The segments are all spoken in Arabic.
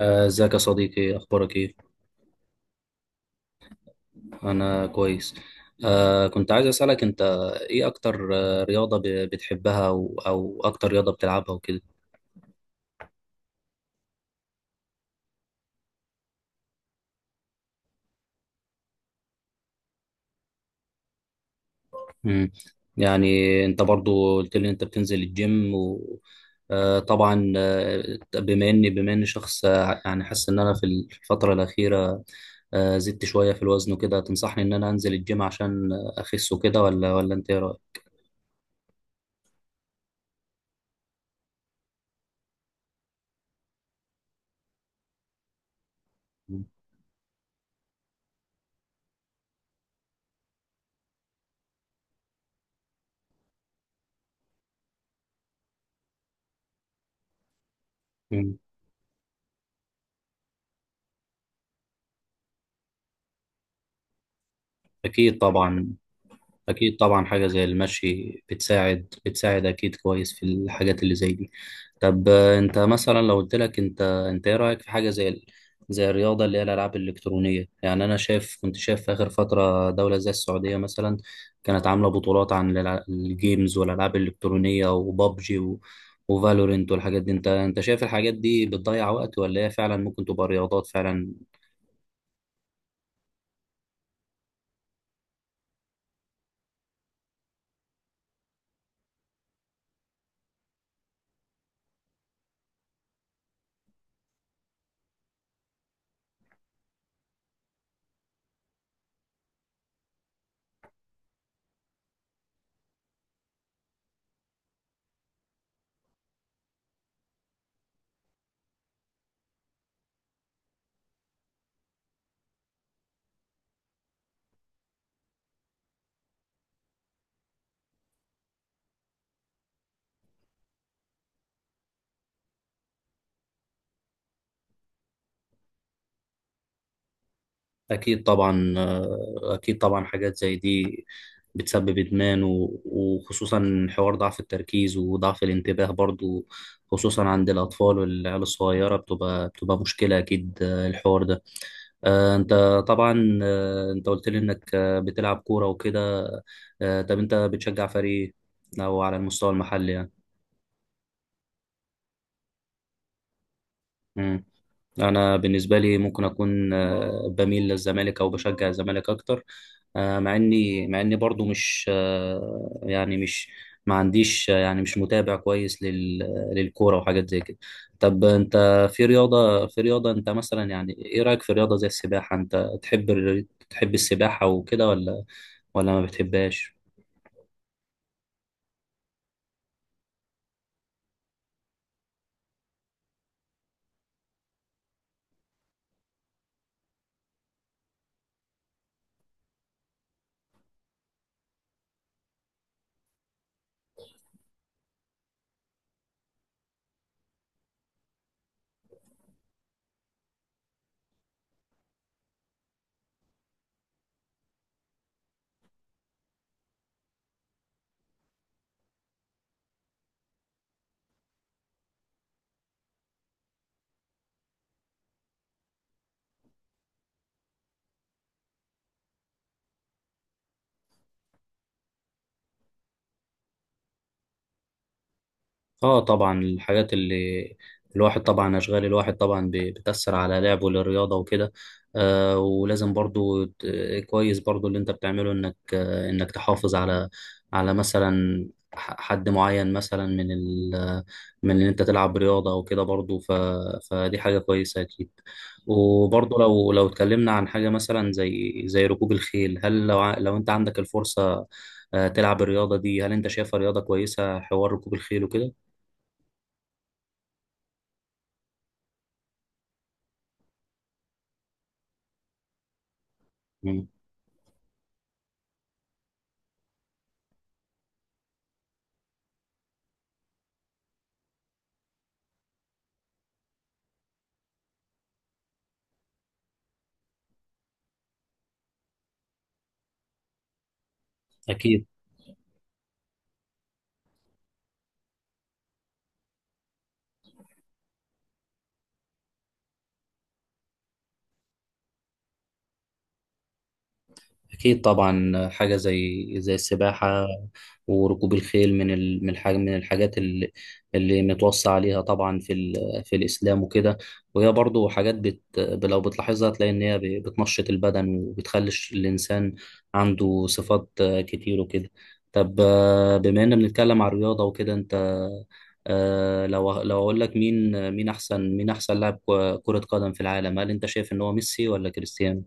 ازيك يا صديقي؟ اخبارك ايه؟ انا كويس. كنت عايز اسالك انت ايه اكتر رياضه بتحبها او اكتر رياضه بتلعبها وكده. امم. يعني انت برضو قلت لي انت بتنزل الجيم. و آه طبعا، بما اني بما اني شخص، يعني حاسس ان انا في الفتره الاخيره زدت شويه في الوزن وكده. تنصحني ان انا انزل الجيم عشان اخس وكده؟ ولا انت ايه رايك؟ مم. اكيد طبعا. أكيد طبعا، حاجة زي المشي بتساعد أكيد كويس في الحاجات اللي زي دي. طب أنت مثلا لو قلت لك أنت إيه رأيك في حاجة زي زي الرياضة اللي هي الألعاب الإلكترونية؟ يعني أنا شايف، كنت شايف في آخر فترة دولة زي السعودية مثلا كانت عاملة بطولات عن الجيمز والألعاب الإلكترونية وبابجي وفالورنت والحاجات دي. أنت شايف الحاجات دي بتضيع وقت، ولا هي فعلا ممكن تبقى رياضات فعلا؟ أكيد طبعا، أكيد طبعا حاجات زي دي بتسبب إدمان، وخصوصا حوار ضعف التركيز وضعف الانتباه برضو، خصوصا عند الأطفال والعيال الصغيرة. بتبقى مشكلة أكيد الحوار ده. أنت طبعا، أنت قلت لي إنك بتلعب كورة وكده. طب أنت بتشجع فريق إيه؟ أو على المستوى المحلي؟ يعني انا بالنسبه لي ممكن اكون، بميل للزمالك او بشجع الزمالك اكتر. مع اني مع اني برضو مش، يعني مش، ما عنديش، يعني مش متابع كويس للكوره وحاجات زي كده. طب انت، في رياضه انت مثلا يعني ايه رايك في رياضه زي السباحه؟ انت تحب تحب السباحه وكده ولا ما بتحبهاش؟ اه طبعا، الحاجات اللي، الواحد طبعا اشغال الواحد طبعا بتأثر على لعبه للرياضة وكده. ولازم برضو كويس برضو اللي انت بتعمله انك، انك تحافظ على، على مثلا حد معين مثلا من ال، من ان انت تلعب رياضة او كده برضو. فدي حاجة كويسة اكيد. وبرضو لو اتكلمنا عن حاجة مثلا زي زي ركوب الخيل، هل لو لو انت عندك الفرصة، تلعب الرياضة دي، هل انت شايفها رياضة كويسة حوار ركوب الخيل وكده؟ مم. أكيد. أكيد طبعا، حاجة زي زي السباحة وركوب الخيل من من من الحاجات اللي، اللي متوصى عليها طبعا في في الإسلام وكده. وهي برضو حاجات بت، لو بتلاحظها تلاقي إن هي بتنشط البدن وبتخلي الإنسان عنده صفات كتير وكده. طب بما إننا بنتكلم عن الرياضة وكده، أنت لو أقول لك مين، مين أحسن لاعب كرة قدم في العالم، هل أنت شايف إن هو ميسي ولا كريستيانو؟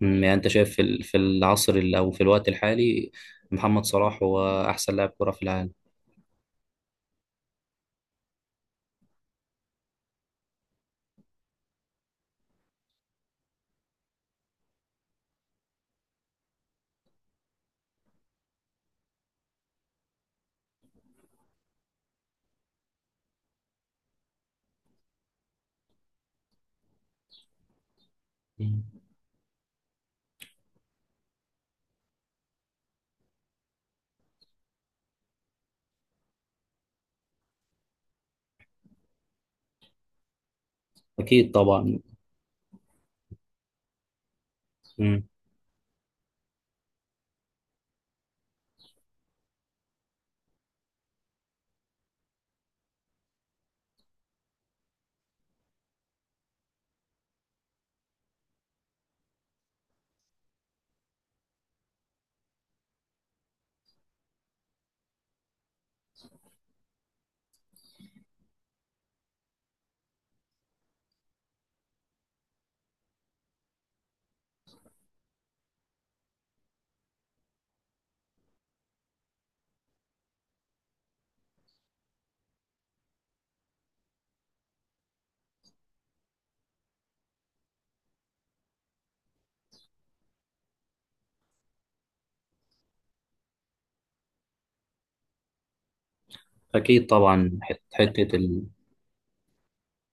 مم، يعني انت شايف في في العصر او في الوقت الحالي محمد صلاح هو احسن لاعب كرة في العالم. مم. اكيد طبعا. مم. اكيد طبعا حتة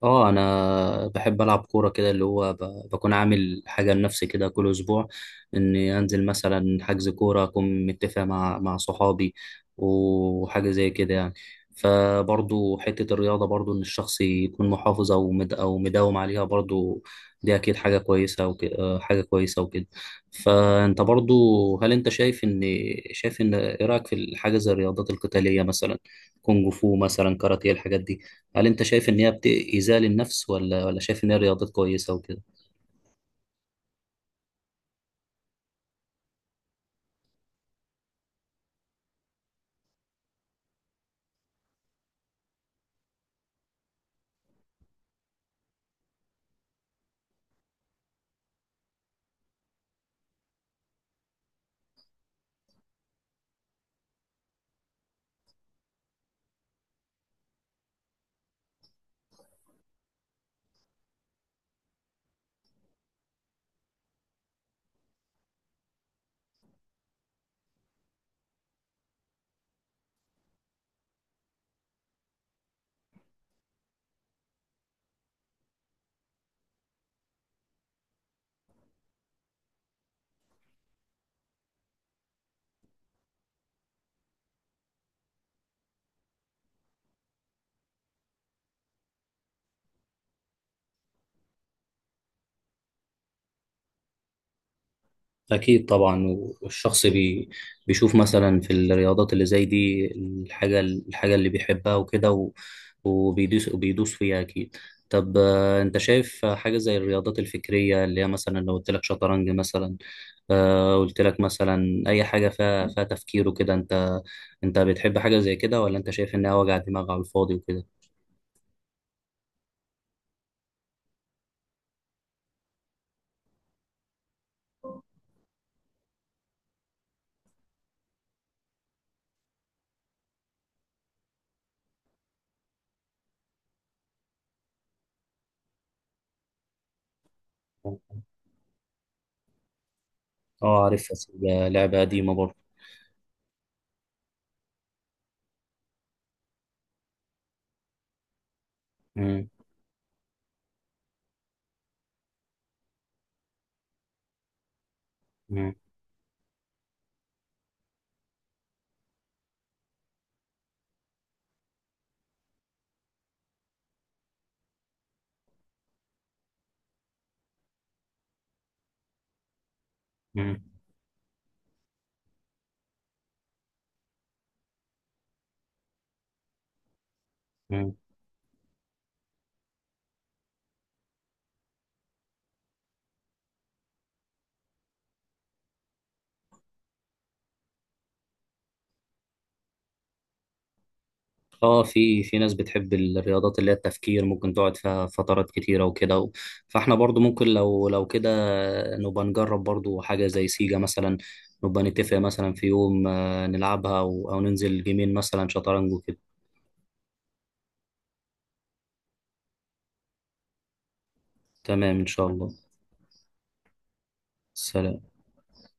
اه انا بحب العب كوره كده اللي هو بكون عامل حاجه لنفسي كده كل اسبوع، اني انزل مثلا حجز كوره اكون متفق مع صحابي وحاجه زي كده يعني. فبرضو حته الرياضه برضو ان الشخص يكون محافظ، او مد، او مداوم عليها برضو، دي اكيد حاجه كويسه وكده، حاجه كويسه وكده. فانت برضو هل انت شايف ان، شايف ان ايه رايك في الحاجه زي الرياضات القتاليه مثلا؟ كونج فو مثلا، كاراتيه، الحاجات دي، هل انت شايف ان هي ايذاء للنفس، ولا شايف ان هي رياضات كويسه وكده؟ اكيد طبعا. والشخص بي، بيشوف مثلا في الرياضات اللي زي دي الحاجه، اللي بيحبها وكده، وبيدوس فيها اكيد. طب انت شايف حاجه زي الرياضات الفكريه اللي هي مثلا لو قلت لك شطرنج مثلا، قلت لك مثلا اي حاجه فيها تفكير وكده؟ انت بتحب حاجه زي كده، ولا انت شايف انها وجع دماغ على الفاضي وكده؟ اه عارف، لعبه قديمه برضه. مم. مم. مم. اه في ناس بتحب الرياضات اللي هي التفكير ممكن تقعد فيها فترات كتيرة وكده فاحنا برضو ممكن لو كده نبقى نجرب برضو حاجة زي سيجا مثلا، نبقى نتفق مثلا في يوم، نلعبها أو ننزل جيمين مثلا شطرنج وكده. تمام إن شاء الله. سلام.